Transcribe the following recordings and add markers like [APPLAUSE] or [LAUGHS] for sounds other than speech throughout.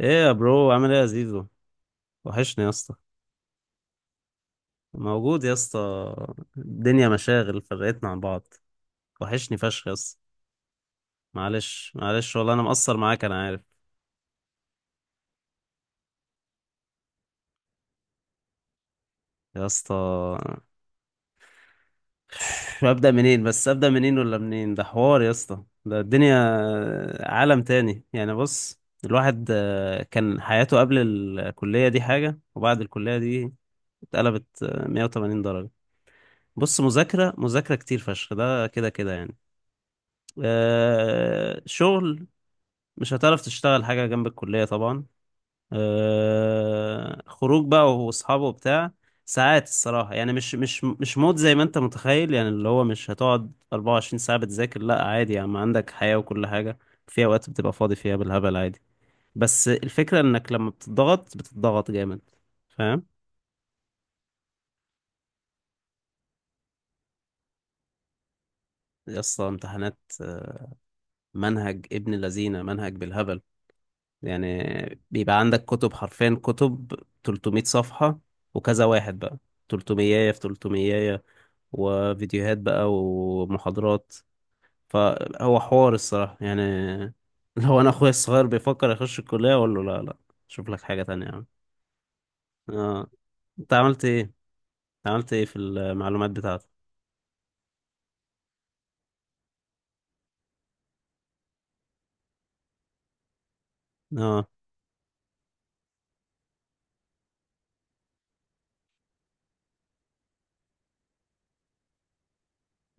ايه يا برو، عامل ايه يا زيزو؟ وحشني يا اسطى. موجود يا اسطى. الدنيا مشاغل فرقتنا عن بعض. وحشني فشخ يا اسطى. معلش معلش، والله انا مقصر معاك، انا عارف يا اسطى. [SIGHS] ابدا منين، بس ابدا منين ولا منين، ده حوار يا اسطى، ده الدنيا عالم تاني. يعني بص، الواحد كان حياته قبل الكلية دي حاجة، وبعد الكلية دي اتقلبت 180 درجة. بص، مذاكرة مذاكرة كتير فشخ، ده كده كده يعني. شغل، مش هتعرف تشتغل حاجة جنب الكلية طبعا. خروج بقى واصحابه وبتاع. ساعات الصراحة يعني مش مود زي ما انت متخيل، يعني اللي هو مش هتقعد 24 ساعة بتذاكر، لا عادي، يعني ما عندك حياة وكل حاجة. في اوقات بتبقى فاضي فيها بالهبل عادي. بس الفكرة انك لما بتضغط بتضغط جامد، فاهم؟ يا اسطى، امتحانات منهج ابن لذينة، منهج بالهبل يعني. بيبقى عندك كتب، حرفيا كتب 300 صفحة، وكذا واحد بقى، 300 في 300، وفيديوهات بقى ومحاضرات، فهو حوار الصراحة يعني. [LAUGHS] لو أنا أخويا الصغير بيفكر يخش الكلية أقول له لا لا، شوف لك حاجة تانية يا عم. آه. أنت عملت إيه؟ عملت إيه في المعلومات بتاعتك؟ آه.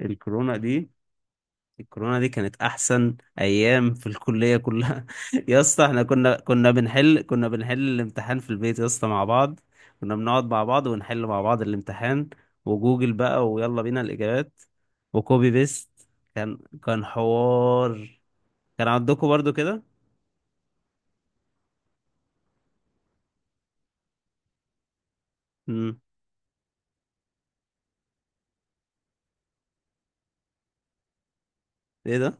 الكورونا دي، الكورونا دي كانت احسن ايام في الكليه كلها. [LAUGHS] يا اسطى، احنا كنا بنحل الامتحان في البيت يا اسطى مع بعض. كنا بنقعد مع بعض ونحل مع بعض الامتحان، وجوجل بقى، ويلا بينا الاجابات، وكوبي بيست. كان كان حوار. كان عندكم برضو كده. امم. ايه ده؟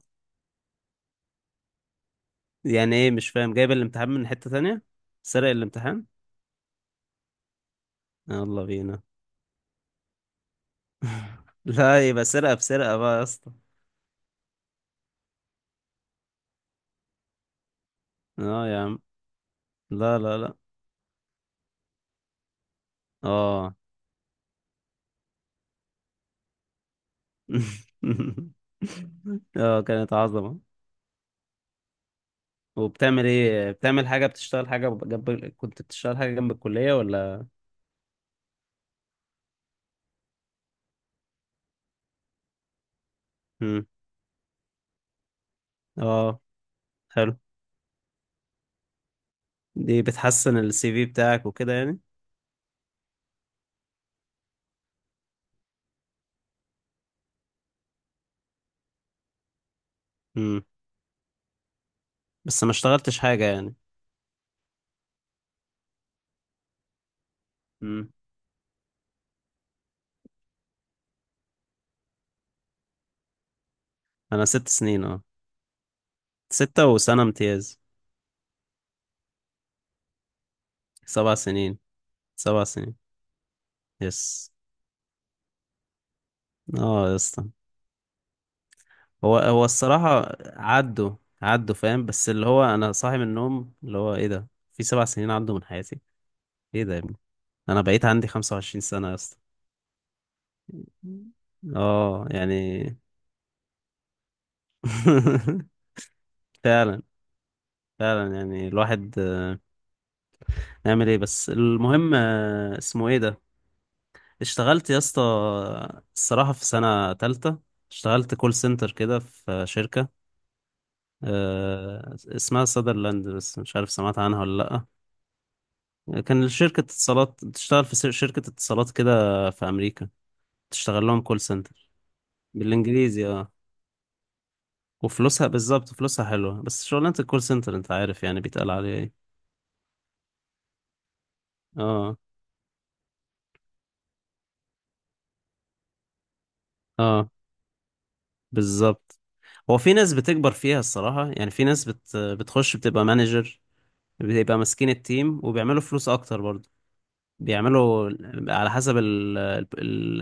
يعني ايه، مش فاهم، جايب الامتحان من حته تانية؟ سرق الامتحان. يلا بينا. لا يبقى سرقه بسرقه بقى يا اسطى. اه يا عم، لا لا لا. اه. [LAUGHS] اه كانت عظمة. وبتعمل ايه، بتعمل حاجة، بتشتغل حاجة جنب، كنت بتشتغل حاجة جنب الكلية ولا؟ مم. اه حلو. دي بتحسن السي في بتاعك وكده يعني. مم. بس ما اشتغلتش حاجة يعني؟ مم. انا ست سنين اه، ستة وسنة امتياز. سبع سنين، سبع سنين. يس. اه يا اسطى، هو هو الصراحة عدوا. عدوا فاهم، بس اللي هو انا صاحي من النوم اللي هو ايه ده، في سبع سنين عدوا من حياتي؟ ايه ده يا ابني؟ انا بقيت عندي 25 سنة يا اسطى. اه يعني. [LAUGHS] فعلا فعلا، يعني الواحد نعمل ايه، بس المهم اسمه ايه ده. اشتغلت يا اسطى، الصراحة في سنة تالتة اشتغلت كول سنتر كده في شركة، اسمها سادرلاند، بس مش عارف سمعت عنها ولا. لأ، كان شركة اتصالات، بتشتغل في شركة اتصالات كده في أمريكا، تشتغل لهم كول سنتر. بالإنجليزي، اه. وفلوسها بالظبط، فلوسها حلوة، بس شغلانة الكول سنتر انت عارف يعني بيتقال عليها ايه. اه اه، بالظبط. هو في ناس بتكبر فيها الصراحة، يعني في ناس بتخش بتبقى مانجر، بيبقى ماسكين التيم، وبيعملوا فلوس اكتر برضه. بيعملوا على حسب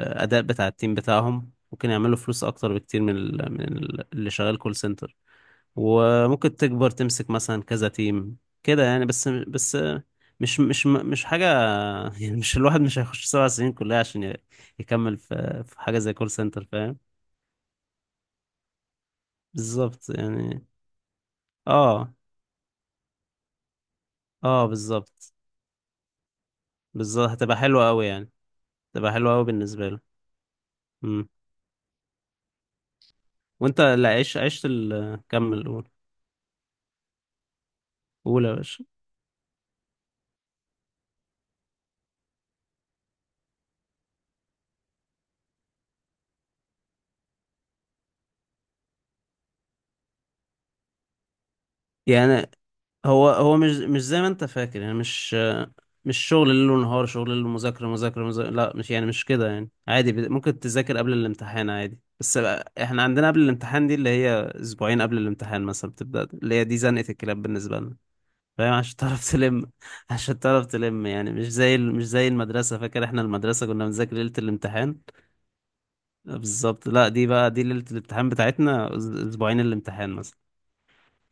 الاداء بتاع التيم بتاعهم، ممكن يعملوا فلوس اكتر بكتير من اللي شغال كول سنتر. وممكن تكبر تمسك مثلا كذا تيم كده يعني، بس مش حاجة [LAUGHS] يعني، مش الواحد مش هيخش سبع سنين كلها عشان يكمل في في حاجة زي كول سنتر، فاهم؟ بالظبط يعني. اه اه بالظبط، بالظبط هتبقى حلوة أوي يعني، هتبقى حلوة أوي بالنسبة له. امم. وانت، لا عيش، عشت ال، كمل قول. قول يا باشا. يعني هو هو مش زي ما انت فاكر يعني، مش مش شغل ليل ونهار، شغل ليل ومذاكرة مذاكرة مذاكرة، لا مش يعني مش كده يعني، عادي ممكن تذاكر قبل الامتحان عادي، بس بقى احنا عندنا قبل الامتحان دي اللي هي اسبوعين قبل الامتحان مثلا بتبدأ، اللي هي دي زنقة الكلاب بالنسبة لنا، فاهم؟ عشان تعرف تلم. [LAUGHS] عشان تعرف تلم يعني، مش زي مش زي المدرسة، فاكر احنا المدرسة كنا بنذاكر ليلة الامتحان. بالظبط، لا دي بقى، دي ليلة الامتحان بتاعتنا، اسبوعين الامتحان مثلا،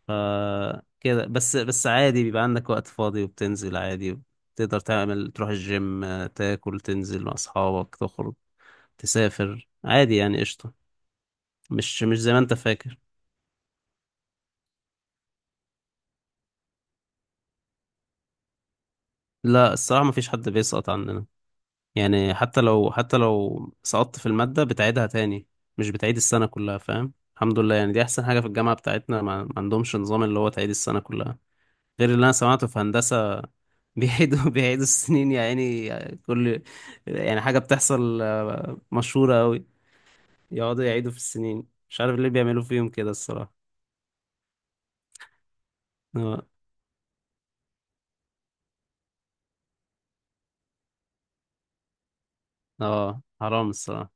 ف كده بس عادي بيبقى عندك وقت فاضي وبتنزل عادي، تقدر تعمل تروح الجيم، تاكل، تنزل مع أصحابك، تخرج، تسافر عادي يعني، قشطة. مش زي ما أنت فاكر. لا الصراحة، مفيش حد بيسقط عننا يعني، حتى لو سقطت في المادة بتعيدها تاني، مش بتعيد السنة كلها، فاهم؟ الحمد لله يعني، دي أحسن حاجة في الجامعة بتاعتنا، ما ما عندهمش نظام اللي هو تعيد السنة كلها، غير اللي انا سمعته في هندسة. [LAUGHS] بيعيدوا السنين يا عيني. كل، يعني حاجة بتحصل مشهورة أوي، يقعدوا يعيدوا في السنين، مش عارف ليه بيعملوا فيهم كده الصراحة. اه حرام الصراحة.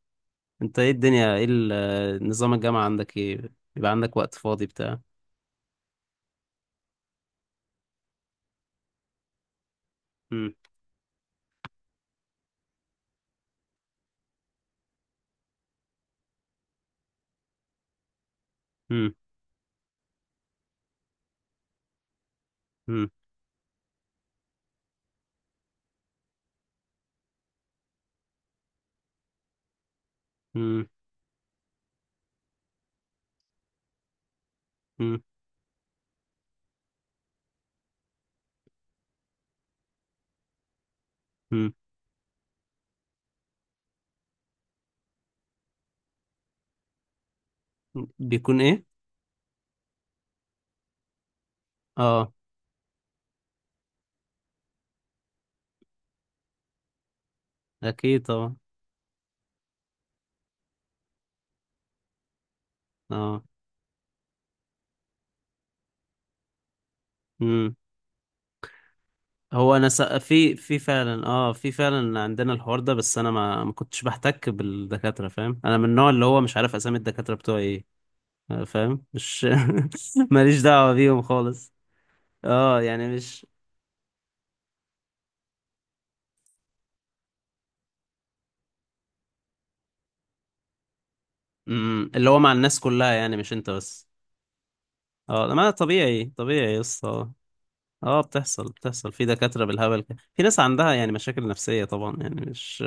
انت ايه الدنيا، ايه نظام الجامعة عندك، ايه بيبقى عندك وقت فاضي بتاع مم، مم، مم، مم، مم، مم. بيكون ايه؟ اه. اكيد طبعا. اه. مم. هو انا في في فعلا، اه في فعلا عندنا الحوار ده، بس انا ما ما كنتش بحتك بالدكاتره، فاهم؟ انا من النوع اللي هو مش عارف اسامي الدكاتره بتوعي ايه، فاهم؟ مش [LAUGHS] ماليش دعوه بيهم خالص. اه يعني مش. مم، اللي هو مع الناس كلها يعني مش انت بس. اه، ما طبيعي طبيعي. يس اه. اه بتحصل في دكاتره بالهبل كده. في ناس عندها يعني مشاكل نفسيه طبعا، يعني مش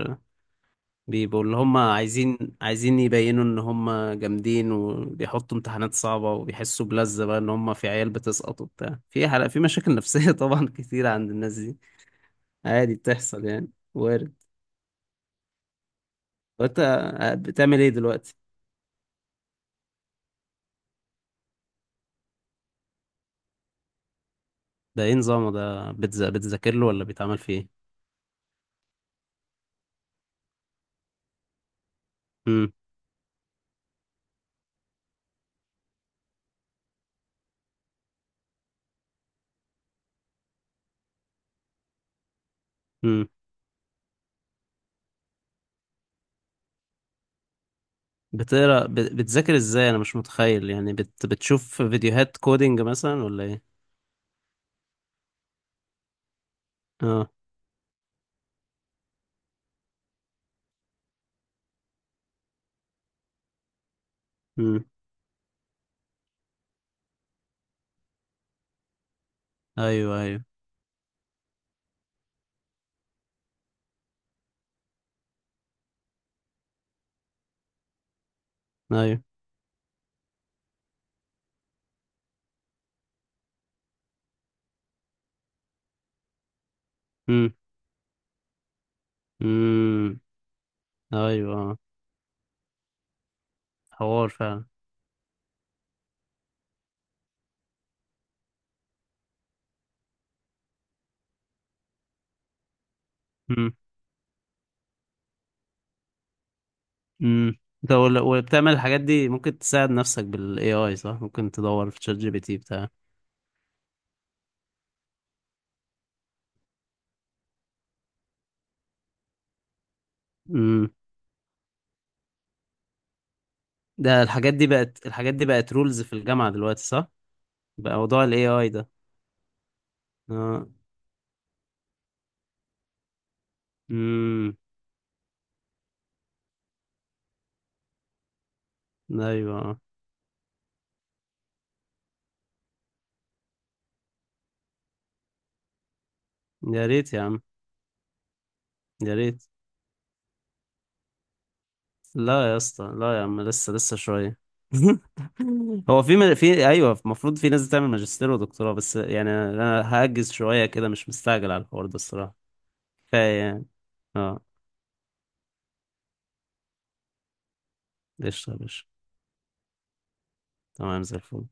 بيبقوا اللي هم عايزين، عايزين يبينوا ان هم جامدين، وبيحطوا امتحانات صعبة، وبيحسوا بلذة بقى ان هم في عيال بتسقط وبتاع. في حلقة، في مشاكل نفسية [LAUGHS] طبعا كتير عند الناس دي. عادي، بتحصل يعني. وارد. وانت بتعمل ايه دلوقتي؟ ده ايه نظامه ده، بتذاكر له ولا بيتعمل فيه ايه؟ امم. امم. بتقرا، بتذاكر ازاي؟ انا مش متخيل، يعني بتشوف فيديوهات كودينج مثلا ولا ايه؟ اه. امم. ايوه ايوه. ايوه. امم. امم. ايوه، حوار فعلا. امم. امم. انت وبتعمل الحاجات دي ممكن تساعد نفسك بالاي اي، صح؟ ممكن تدور في تشات جي بي تي بتاع امم. ده الحاجات دي بقت، الحاجات دي بقت رولز في الجامعة دلوقتي، صح؟ بقى موضوع الاي اي ده. اه. امم. ايوه يا ريت يا عم، يا ريت. لا يا اسطى، لا يا عم، لسه لسه شوية. [LAUGHS] هو في في، ايوه المفروض في ناس بتعمل ماجستير ودكتوراه، بس يعني انا هأجز شوية كده، مش مستعجل على الحوار ده الصراحة. كفاية يعني. اه. قشطة يا باشا، تمام زي الفل.